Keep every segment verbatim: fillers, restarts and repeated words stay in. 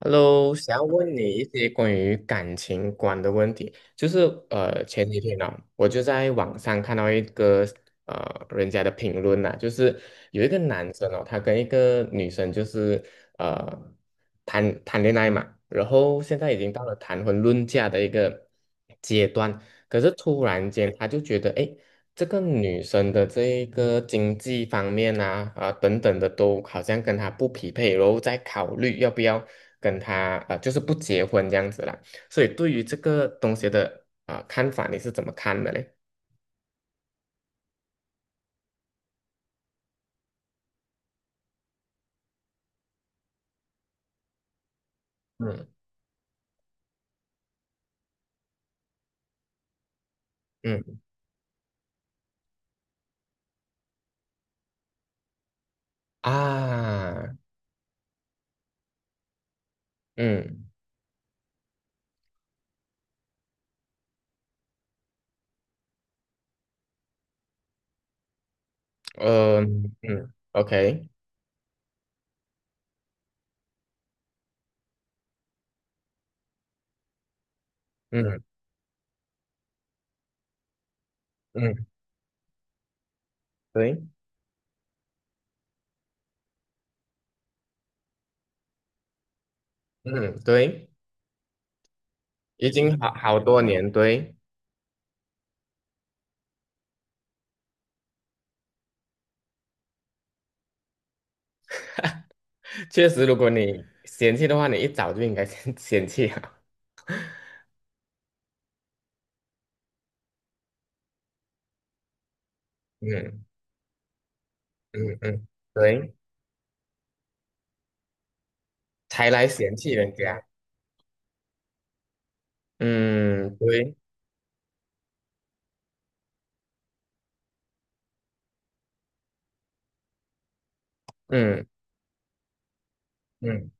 Hello，想要问你一些关于感情观的问题，就是呃，前几天呢、我就在网上看到一个呃人家的评论呐、就是有一个男生哦，他跟一个女生就是呃谈谈恋爱嘛，然后现在已经到了谈婚论嫁的一个阶段，可是突然间他就觉得，哎，这个女生的这一个经济方面啊啊、等等的都好像跟她不匹配，然后再考虑要不要跟她呃就是不结婚这样子啦。所以对于这个东西的啊、呃看法，你是怎么看的嘞？嗯嗯啊嗯呃嗯嗯 OK 嗯嗯对嗯对，已经好好多年对，确实如果你嫌弃的话，你一早就应该先 嫌弃啊。嗯嗯嗯，对。才来嫌弃人家。嗯，对，嗯嗯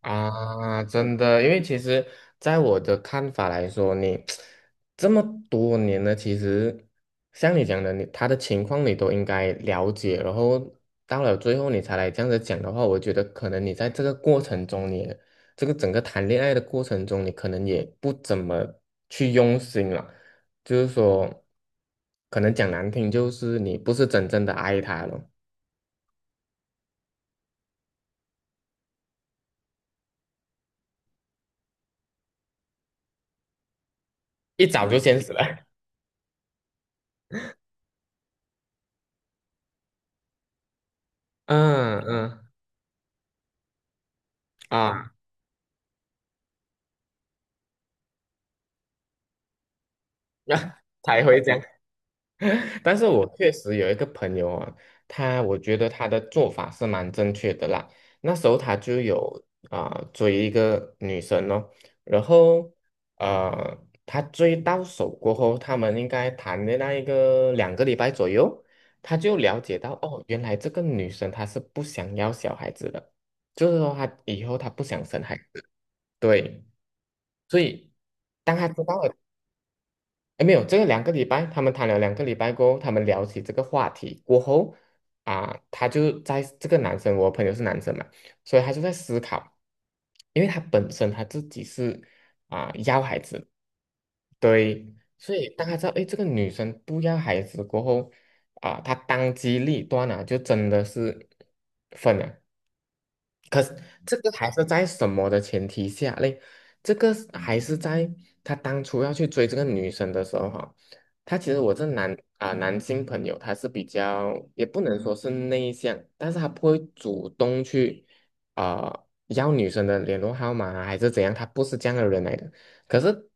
啊，真的，因为其实在我的看法来说，你 这么多年了，其实像你讲的，你他的情况你都应该了解，然后到了最后你才来这样子讲的话，我觉得可能你在这个过程中你，这个整个谈恋爱的过程中，你可能也不怎么去用心了。就是说，可能讲难听，就是你不是真正的爱他了。一早就先死了。嗯嗯啊，那才会这样。但是我确实有一个朋友啊，他我觉得他的做法是蛮正确的啦。那时候他就有啊、追一个女生哦，然后呃，他追到手过后，他们应该谈的那一个两个礼拜左右，他就了解到哦，原来这个女生她是不想要小孩子的，就是说她以后她不想生孩子。对，所以当他知道了。哎，没有，这个两个礼拜，他们谈了两个礼拜过后，他们聊起这个话题过后，啊、他就在这个男生，我朋友是男生嘛，所以他就在思考，因为他本身他自己是啊、要孩子，对，所以当他知道，哎，这个女生不要孩子过后，啊、他当机立断啊，就真的是分了，这个还是在什么的前提下嘞？这个是还是在他当初要去追这个女生的时候哈，他其实我这男啊、男性朋友他是比较也不能说是内向，但是他不会主动去啊、要女生的联络号码啊还是怎样，他不是这样的人来的。可是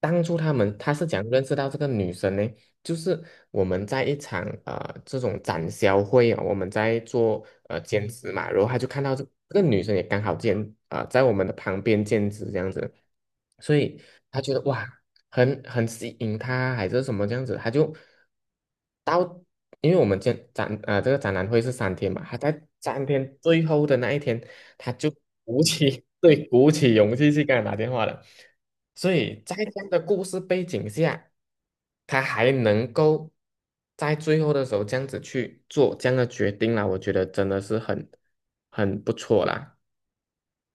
当初他们他是讲认识到这个女生呢，就是我们在一场呃这种展销会啊，我们在做呃兼职嘛，然后他就看到这这个女生也刚好兼呃在我们的旁边兼职这样子，所以他觉得哇很很吸引他还是什么这样子，他就到因为我们兼展呃这个展览会是三天嘛，他在三天最后的那一天，他就鼓起 对鼓起勇气去跟他打电话了。所以在这样的故事背景下，他还能够在最后的时候这样子去做这样的决定啦，我觉得真的是很很不错啦。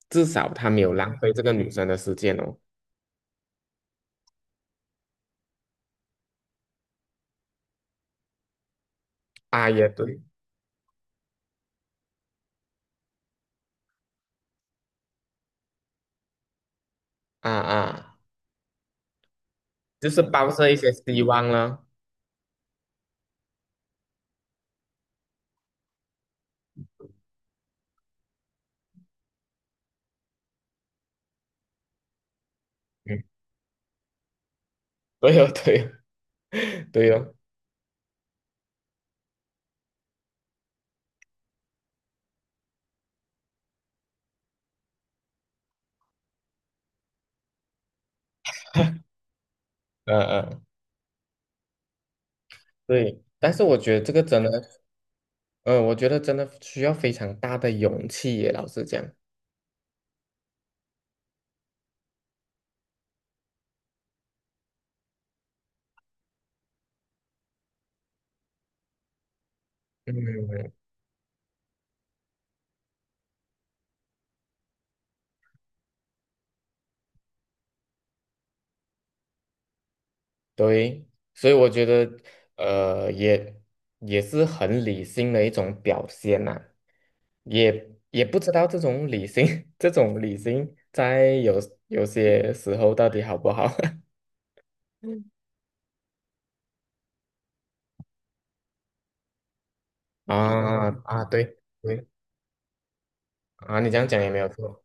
至少他没有浪费这个女生的时间哦。啊，也对，啊啊，就是抱着一些希望了。嗯，对哦，对哦，对哦，嗯嗯，对。但是我觉得这个真的。呃，我觉得真的需要非常大的勇气耶，老实讲。嗯，对，所以我觉得，呃，也也是很理性的一种表现呐、也也不知道这种理性，这种理性在有有些时候到底好不好 啊啊？对对啊，你这样讲也没有错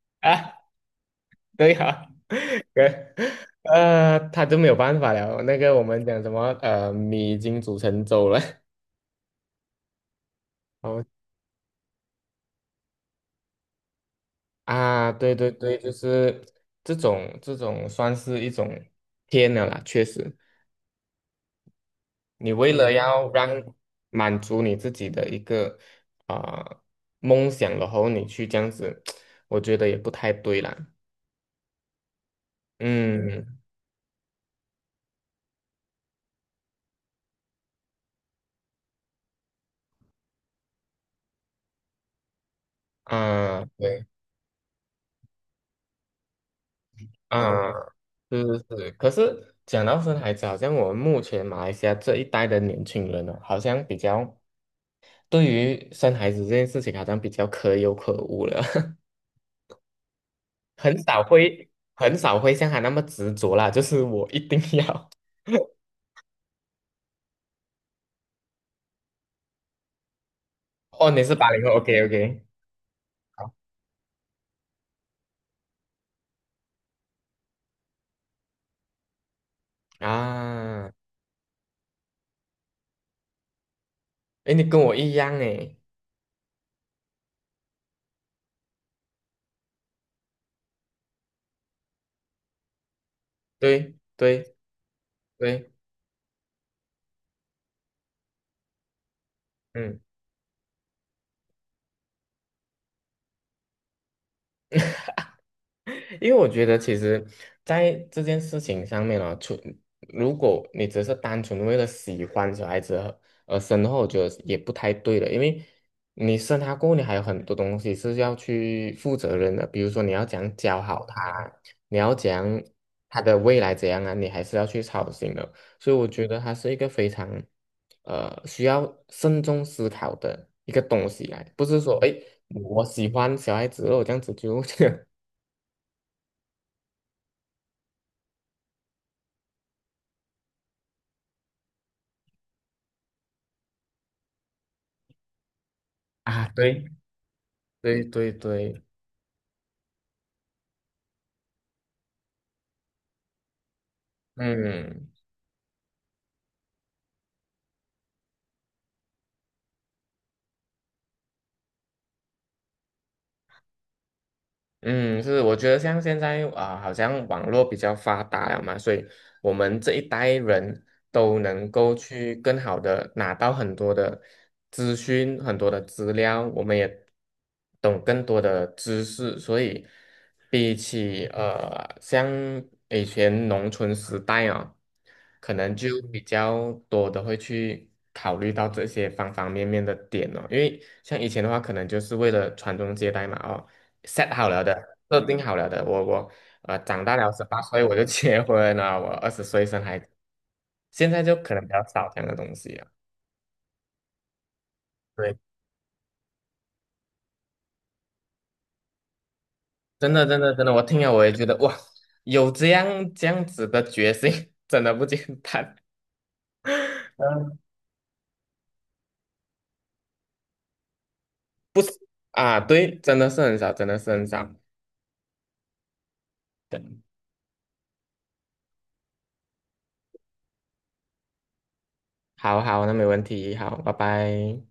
啊，对啊，对，呃，他就没有办法了。那个我们讲什么，呃，米已经煮成粥了，啊，对对对，就是这种这种算是一种天了啦，确实，你为了嗯要让满足你自己的一个啊、梦想，然后你去这样子，我觉得也不太对啦。嗯啊，对啊，是是是。可是讲到生孩子，好像我们目前马来西亚这一代的年轻人呢，好像比较对于生孩子这件事情，好像比较可有可无了。很少会很少会像他那么执着啦，就是我一定要。哦，你是八零后，OK OK，好啊，诶，你跟我一样诶，对对对，嗯。因为我觉得其实，在这件事情上面啊，除如果你只是单纯为了喜欢小孩子而而生的话，我觉得也不太对了。因为你生他过后，你还有很多东西是要去负责任的，比如说你要怎样教好他啊你要怎样他的未来怎样啊，你还是要去操心的。所以我觉得他是一个非常呃需要慎重思考的一个东西来，不是说哎我喜欢小孩子哦，我这样子就 啊对。对对对，嗯，嗯，是，我觉得像现在啊、好像网络比较发达了嘛，所以我们这一代人都能够去更好的拿到很多的资讯、很多的资料，我们也懂更多的知识，所以比起呃，像以前农村时代哦，可能就比较多的会去考虑到这些方方面面的点哦，因为像以前的话，可能就是为了传宗接代嘛，哦。set 好了的，设定好了的。我我呃，长大了十八岁我就结婚了，我二十岁生孩子，现在就可能比较少这样的东西了。对，真的真的真的，我听了我也觉得哇，有这样这样子的决心，真的不简单 嗯，不是啊，对，真的是很少，真的是很少。对，好好，那没问题，好，拜拜。